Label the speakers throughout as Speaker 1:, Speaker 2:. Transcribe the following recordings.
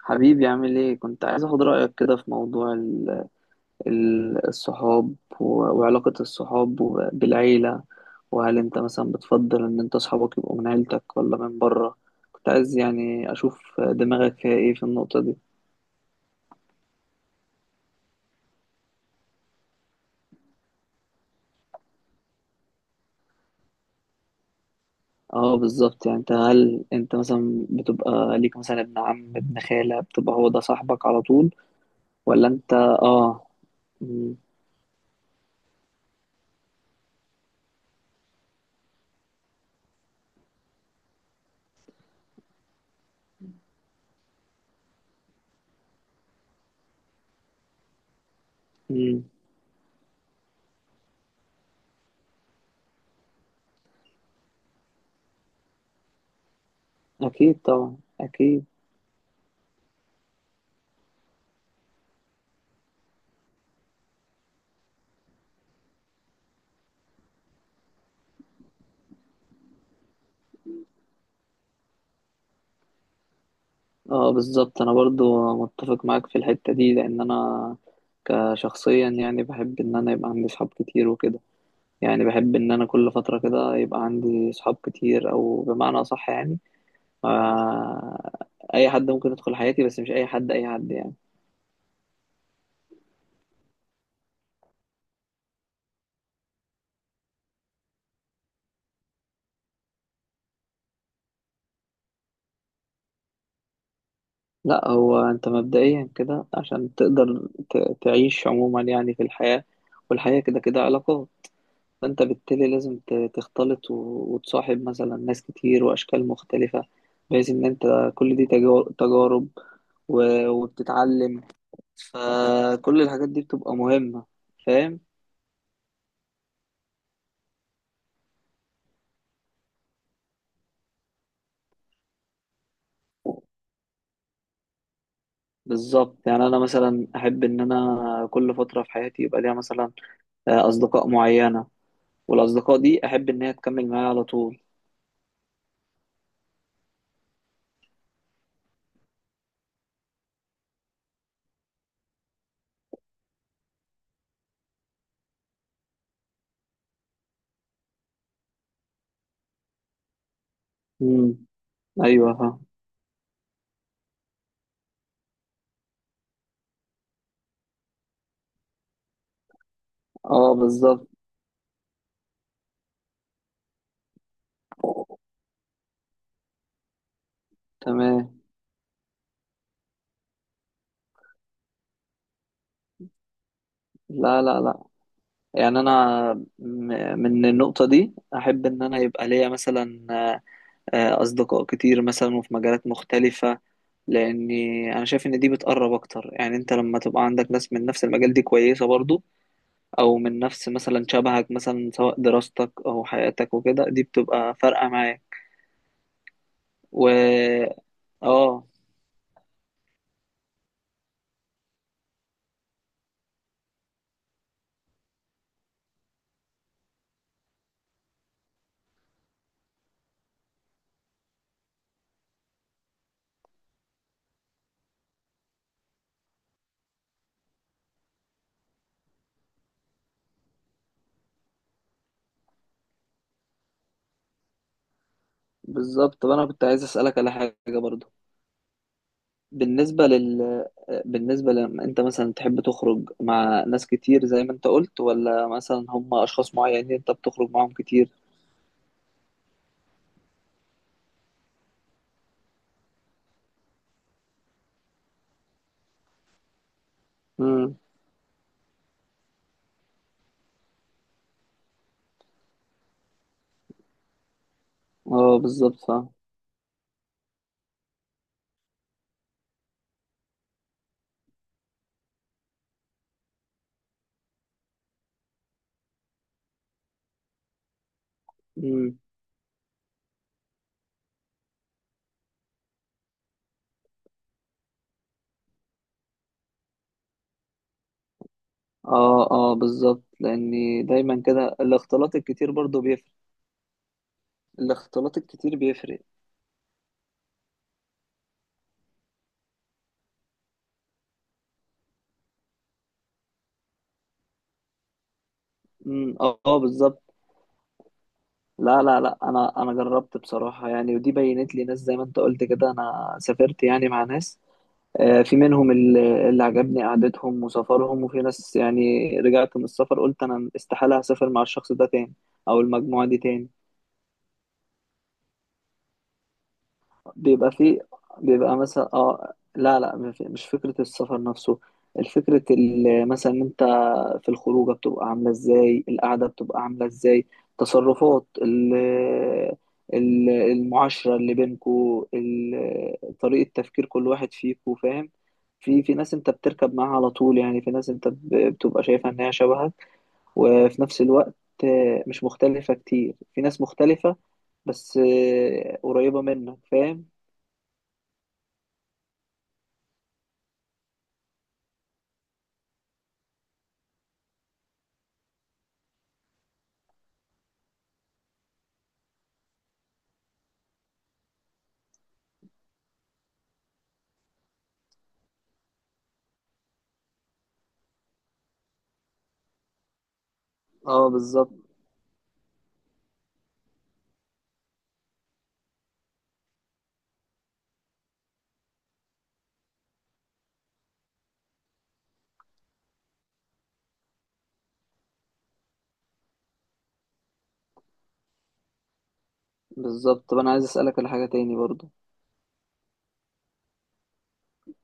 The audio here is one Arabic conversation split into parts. Speaker 1: حبيبي عامل ايه؟ كنت عايز اخد رأيك كده في موضوع الصحاب و- وعلاقة الصحاب بالعيلة، وهل انت مثلا بتفضل ان انت صحابك يبقوا من عيلتك ولا من بره؟ كنت عايز يعني اشوف دماغك فيها ايه في النقطة دي. اه بالظبط، يعني انت هل انت مثلا بتبقى ليك مثلا ابن عم، ابن خالة، بتبقى هو ده صاحبك على طول ولا؟ انت اه. مم. مم. اكيد طبعا، اكيد. اه بالظبط، انا برضو متفق معاك في الحتة دي، لان انا كشخصيا يعني بحب ان انا يبقى عندي صحاب كتير وكده. يعني بحب ان انا كل فترة كده يبقى عندي صحاب كتير، او بمعنى اصح يعني آه، اي حد ممكن يدخل حياتي، بس مش اي حد اي حد يعني. لا، هو انت مبدئيا كده عشان تقدر تعيش عموما يعني في الحياة، والحياة كده كده علاقات، فانت بالتالي لازم تختلط وتصاحب مثلا ناس كتير واشكال مختلفة، بحيث ان انت كل دي تجارب وبتتعلم، فكل الحاجات دي بتبقى مهمة. فاهم؟ بالظبط، يعني انا مثلا احب ان انا كل فترة في حياتي يبقى ليها مثلا اصدقاء معينة، والاصدقاء دي احب ان هي تكمل معايا على طول. امم ايوه فاهم. اه بالظبط. تمام. لا لا لا، يعني انا من النقطه دي احب ان انا يبقى ليا مثلا اصدقاء كتير مثلا وفي مجالات مختلفه، لاني انا شايف ان دي بتقرب اكتر. يعني انت لما تبقى عندك ناس من نفس المجال دي كويسه برضو، او من نفس مثلا شبهك، مثلا سواء دراستك او حياتك وكده، دي بتبقى فارقه معاك. و اه بالظبط. طب انا كنت عايز اسالك على حاجه برضو، بالنسبة لل، بالنسبة لما انت مثلا تحب تخرج مع ناس كتير زي ما انت قلت، ولا مثلا هم اشخاص معينين انت بتخرج معاهم كتير؟ امم اه بالظبط، فاهم. امم اه اه بالظبط، لاني دايما كده الاختلاط الكتير برضو بيفرق. الاختلاط الكتير بيفرق. اه بالظبط. لا لا لا، انا جربت بصراحة يعني، ودي بينت لي ناس زي ما انت قلت كده. انا سافرت يعني مع ناس، في منهم اللي عجبني قعدتهم وسفرهم، وفي ناس يعني رجعت من السفر قلت انا استحالة هسافر مع الشخص ده تاني، او المجموعة دي تاني. بيبقى فيه، بيبقى مثلا اه لا لا مش فكرة السفر نفسه، الفكرة مثلا انت في الخروجة بتبقى عاملة ازاي، القعدة بتبقى عاملة ازاي، تصرفات المعاشرة اللي بينكو، طريقة تفكير كل واحد فيكو، فاهم؟ في ناس انت بتركب معاها على طول، يعني في ناس انت بتبقى شايفها ان هي شبهك، وفي نفس الوقت مش مختلفة كتير، في ناس مختلفة بس قريبة منك، فاهم؟ اه بالظبط. بالظبط، طب انا عايز اسالك على حاجه تاني برضو،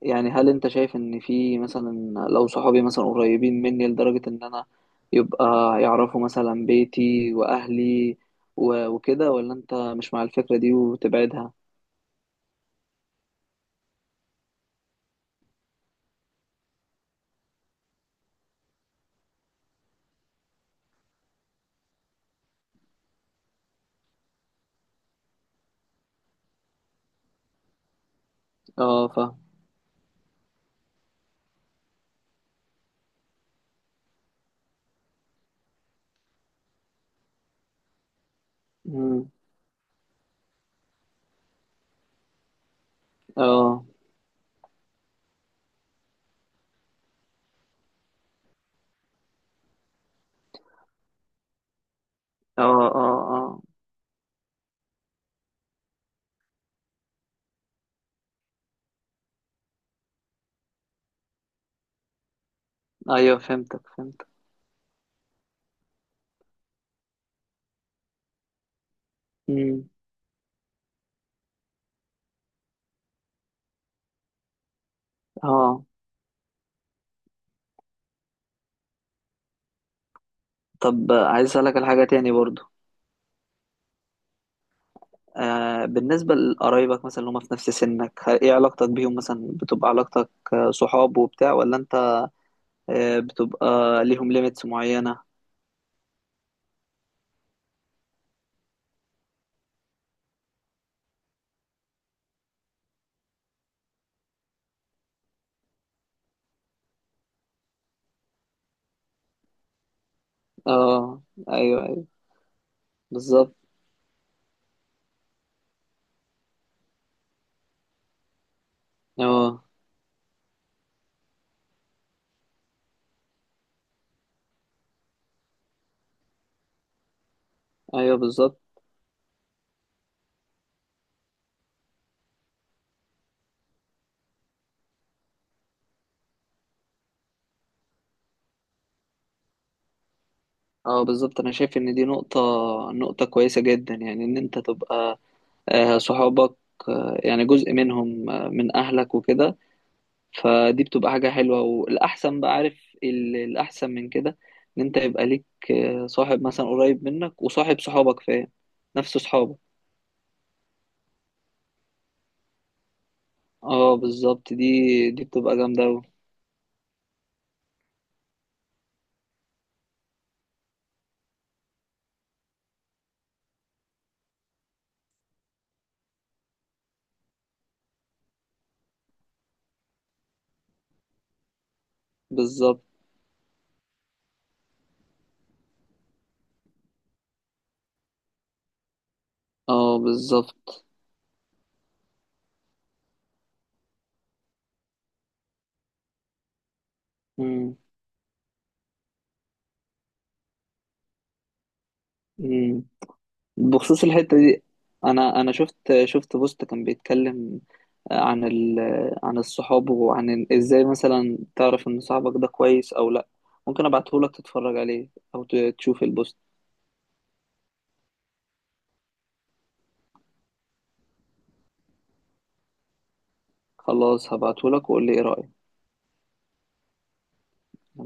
Speaker 1: يعني هل انت شايف ان في مثلا، لو صحابي مثلا قريبين مني لدرجه ان انا يبقى يعرفوا مثلا بيتي واهلي وكده، ولا انت مش مع الفكره دي وتبعدها؟ اه فاهم. مم. اه اه اه. اه ايوه فهمتك، فهمتك. مم. اه. طب عايز اسالك على حاجه تاني برضو، آه بالنسبة لقرايبك مثلا اللي هم في نفس سنك، ايه علاقتك بيهم؟ مثلا بتبقى علاقتك آه، صحاب وبتاع، ولا انت آه بتبقى ليهم ليميتس معينة؟ اه ايوه ايوه بالظبط. اه ايوه بالظبط. اه بالظبط، انا شايف ان دي نقطة، نقطة كويسة جدا، يعني ان انت تبقى آه صحابك آه يعني جزء منهم آه من اهلك وكده، فدي بتبقى حاجة حلوة. والأحسن بقى، عارف الأحسن من كده، إن أنت يبقى ليك آه، صاحب مثلا قريب منك وصاحب صحابك، فاهم؟ نفس صحابك. اه بالظبط دي، دي بتبقى جامدة أوي. بالظبط. اه بالظبط. مم. مم. بخصوص الحتة دي، أنا شفت بوست كان بيتكلم عن ال، عن الصحاب وعن إزاي مثلا تعرف إن صاحبك ده كويس أو لأ. ممكن أبعتهولك تتفرج عليه، أو تشوف البوست. خلاص، هبعتهولك وقول لي ايه رأيك.